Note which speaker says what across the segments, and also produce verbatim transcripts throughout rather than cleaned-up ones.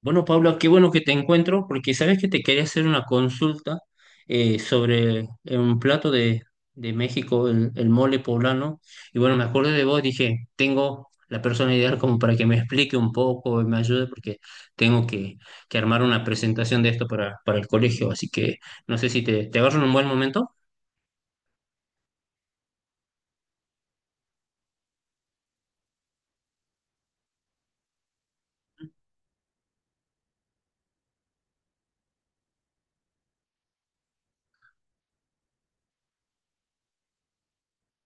Speaker 1: Bueno, Paula, qué bueno que te encuentro, porque sabes que te quería hacer una consulta eh, sobre un plato de, de México, el, el mole poblano. Y bueno, me acordé de vos, dije, tengo la persona ideal como para que me explique un poco y me ayude, porque tengo que, que armar una presentación de esto para, para el colegio. Así que no sé si te, te agarro en un buen momento.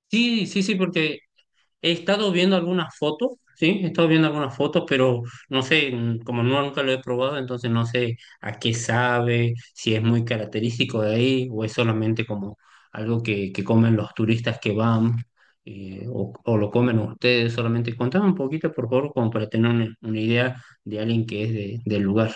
Speaker 1: Sí, sí, sí, porque he estado viendo algunas fotos, sí, he estado viendo algunas fotos, pero no sé, mm, como no, nunca lo he probado, entonces no sé a qué sabe, si es muy característico de ahí o es solamente como algo que, que comen los turistas que van eh, o, o lo comen ustedes solamente. Contame un poquito, por favor, como para tener una, una idea de alguien que es de- del lugar.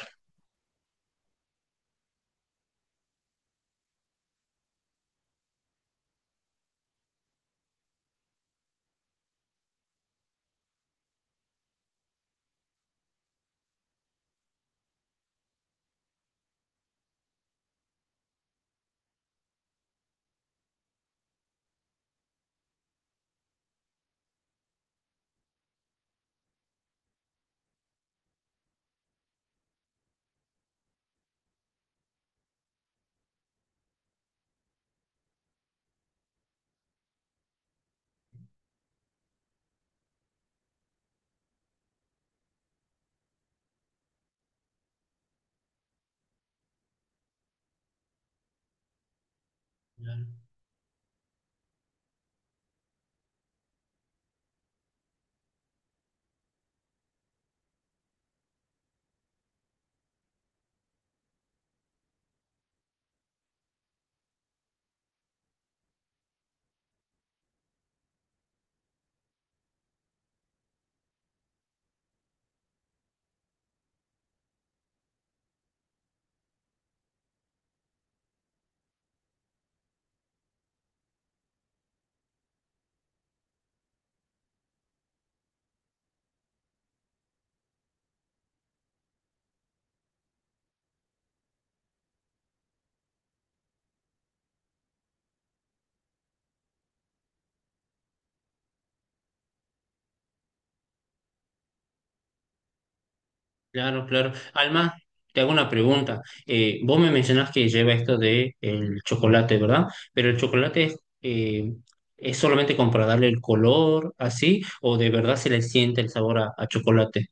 Speaker 1: Claro, claro. Alma, te hago una pregunta. Eh, vos me mencionás que lleva esto de el chocolate, ¿verdad? Pero el chocolate es, eh, es solamente como para darle el color, así, o de verdad se le siente el sabor a, a chocolate.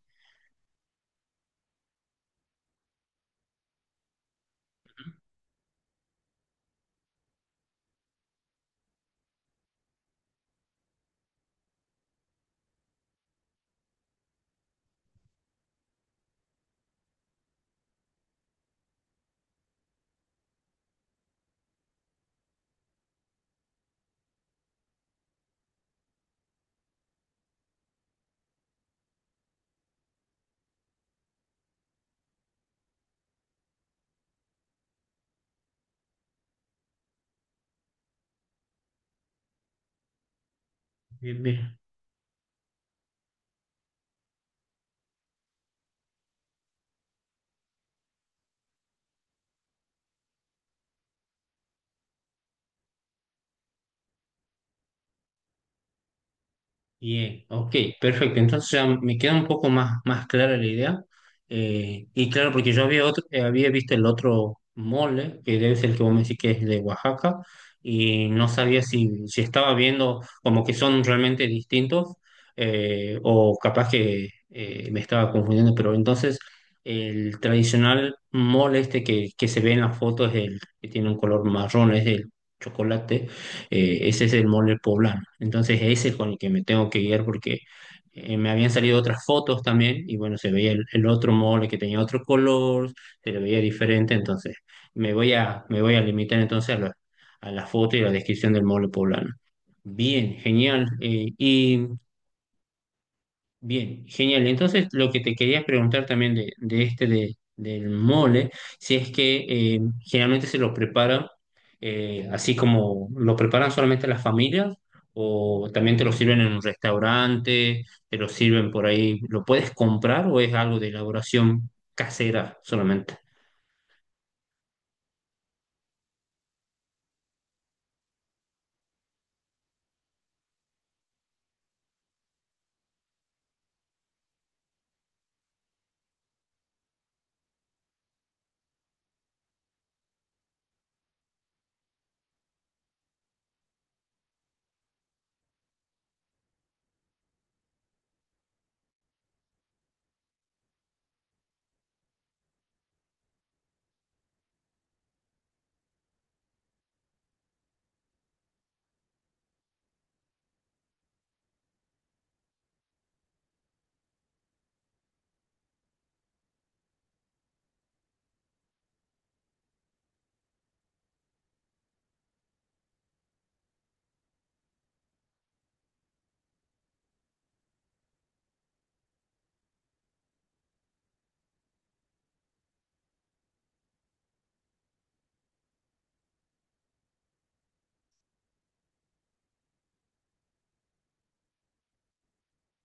Speaker 1: Bien, bien. Bien, ok, perfecto. Entonces ya me queda un poco más, más clara la idea. Eh, y claro, porque yo había, otro, eh, había visto el otro mole, que debe ser el que vos me decís que es de Oaxaca, y no sabía si, si estaba viendo como que son realmente distintos, eh, o capaz que eh, me estaba confundiendo, pero entonces el tradicional mole este que, que se ve en la foto es el que tiene un color marrón, es el chocolate eh, Ese es el mole poblano. Entonces ese es con el que me tengo que guiar porque eh, me habían salido otras fotos también y bueno, se veía el, el otro mole que tenía otro color, se le veía diferente, entonces me voy a, me voy a limitar entonces a la, a la foto y la descripción del mole poblano. Bien, genial. Eh, y bien, genial. Entonces, lo que te quería preguntar también de, de este de, del mole, si es que eh, generalmente se lo prepara eh, así como lo preparan solamente las familias o también te lo sirven en un restaurante, te lo sirven por ahí, ¿lo puedes comprar o es algo de elaboración casera solamente?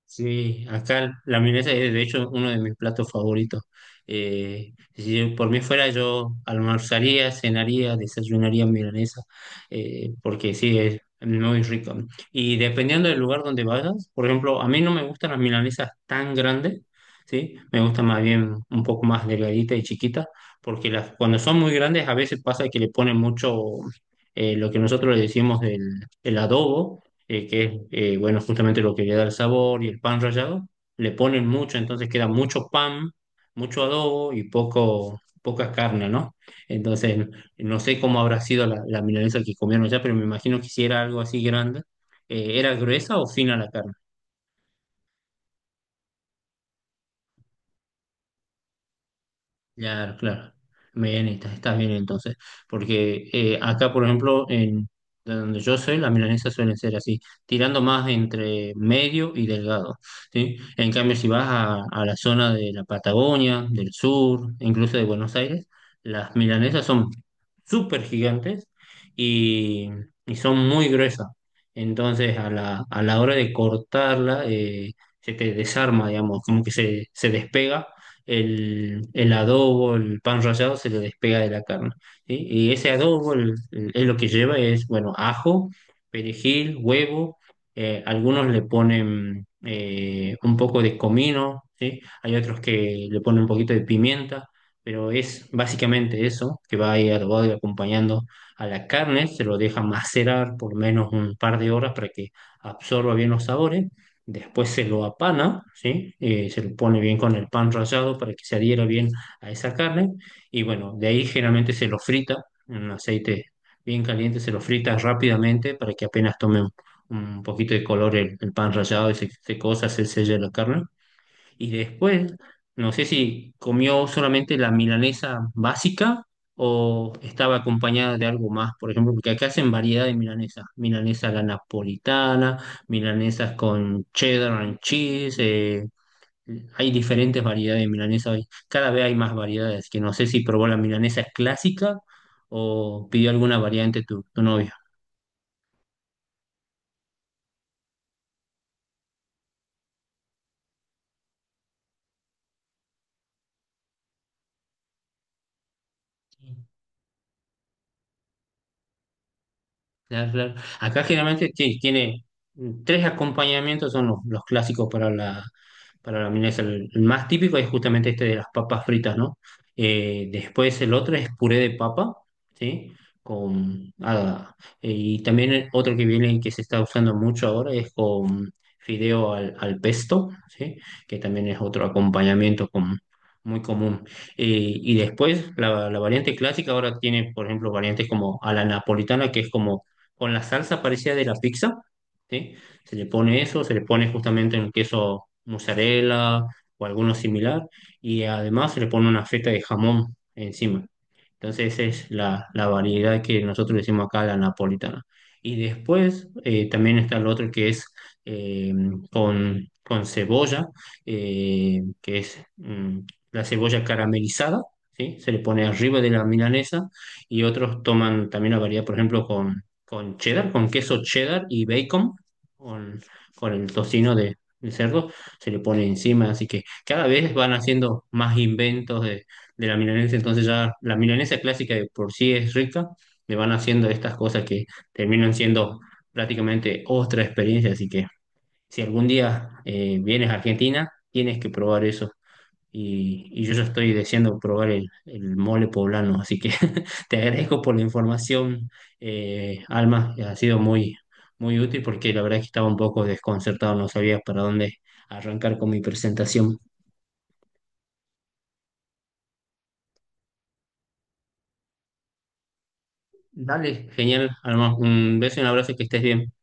Speaker 1: Sí, acá la milanesa es de hecho uno de mis platos favoritos. Eh, si por mí fuera, yo almorzaría, cenaría, desayunaría milanesa, eh, porque sí, es muy rico. ¿No? Y dependiendo del lugar donde vayas, por ejemplo, a mí no me gustan las milanesas tan grandes, ¿sí? Me gustan más bien un poco más delgaditas y chiquitas, porque las, cuando son muy grandes a veces pasa que le ponen mucho eh, lo que nosotros le decimos el, el adobo eh, que es, eh, bueno, justamente lo que le da el sabor y el pan rallado, le ponen mucho, entonces queda mucho pan, mucho adobo y poco, poca carne, ¿no? Entonces, no sé cómo habrá sido la, la milanesa que comieron allá, pero me imagino que si era algo así grande, eh, ¿era gruesa o fina la carne? Claro, claro. Bien, estás, estás bien entonces. Porque eh, acá, por ejemplo, en de donde yo soy, las milanesas suelen ser así, tirando más entre medio y delgado, ¿sí? En cambio, si vas a, a la zona de la Patagonia, del sur, incluso de Buenos Aires, las milanesas son súper gigantes y, y son muy gruesas. Entonces, a la, a la hora de cortarla, eh, se te desarma, digamos, como que se, se despega el, el adobo, el pan rallado se le despega de la carne. ¿Sí? Y ese adobo el- el- es lo que lleva, es, bueno, ajo, perejil, huevo, eh, algunos le ponen eh, un poco de comino, ¿sí? Hay otros que le ponen un poquito de pimienta, pero es básicamente eso, que va ahí adobado y acompañando a la carne, se lo deja macerar por menos un par de horas para que absorba bien los sabores. Después se lo apana, ¿sí? Eh, se lo pone bien con el pan rallado para que se adhiera bien a esa carne. Y bueno, de ahí generalmente se lo frita en un aceite bien caliente, se lo frita rápidamente para que apenas tome un, un poquito de color el, el pan rallado y se, se cosa, se sella la carne. Y después, no sé si comió solamente la milanesa básica o estaba acompañada de algo más, por ejemplo, porque acá hacen variedad de milanesas. Milanesa a la napolitana, milanesas con cheddar and cheese. Eh, hay diferentes variedades de milanesa hoy. Cada vez hay más variedades, que no sé si probó la milanesa clásica o pidió alguna variante tu, tu novia. Claro, claro. Acá generalmente sí, tiene mm, tres acompañamientos, son los, los clásicos para la, para la milanesa. El, el más típico es justamente este de las papas fritas, ¿no? Eh, después el otro es puré de papa, ¿sí? Con, ah, eh, y también el otro que viene y que se está usando mucho ahora es con fideo al, al pesto, ¿sí? Que también es otro acompañamiento con- muy común. Eh, y después la, la variante clásica ahora tiene, por ejemplo, variantes como a la napolitana, que es como con la salsa parecida de la pizza, ¿sí? Se le pone eso, se le pone justamente un queso mozzarella o alguno similar y además se le pone una feta de jamón encima. Entonces esa es la, la variedad que nosotros decimos acá, la napolitana. Y después eh, también está el otro que es eh, con, con, cebolla, eh, que es mm, la cebolla caramelizada, ¿sí? Se le pone arriba de la milanesa y otros toman también la variedad, por ejemplo, con, con cheddar, con queso cheddar y bacon, con, con el tocino de, de cerdo, se le pone encima. Así que cada vez van haciendo más inventos de la milanesa, entonces ya la milanesa clásica de por sí es rica, le van haciendo estas cosas que terminan siendo prácticamente otra experiencia, así que si algún día eh, vienes a Argentina, tienes que probar eso. Y, y yo ya estoy deseando probar el, el mole poblano, así que te agradezco por la información, eh, Alma, ha sido muy, muy útil porque la verdad es que estaba un poco desconcertado, no sabía para dónde arrancar con mi presentación. Dale, genial, Alma, un beso y un abrazo, que estés bien.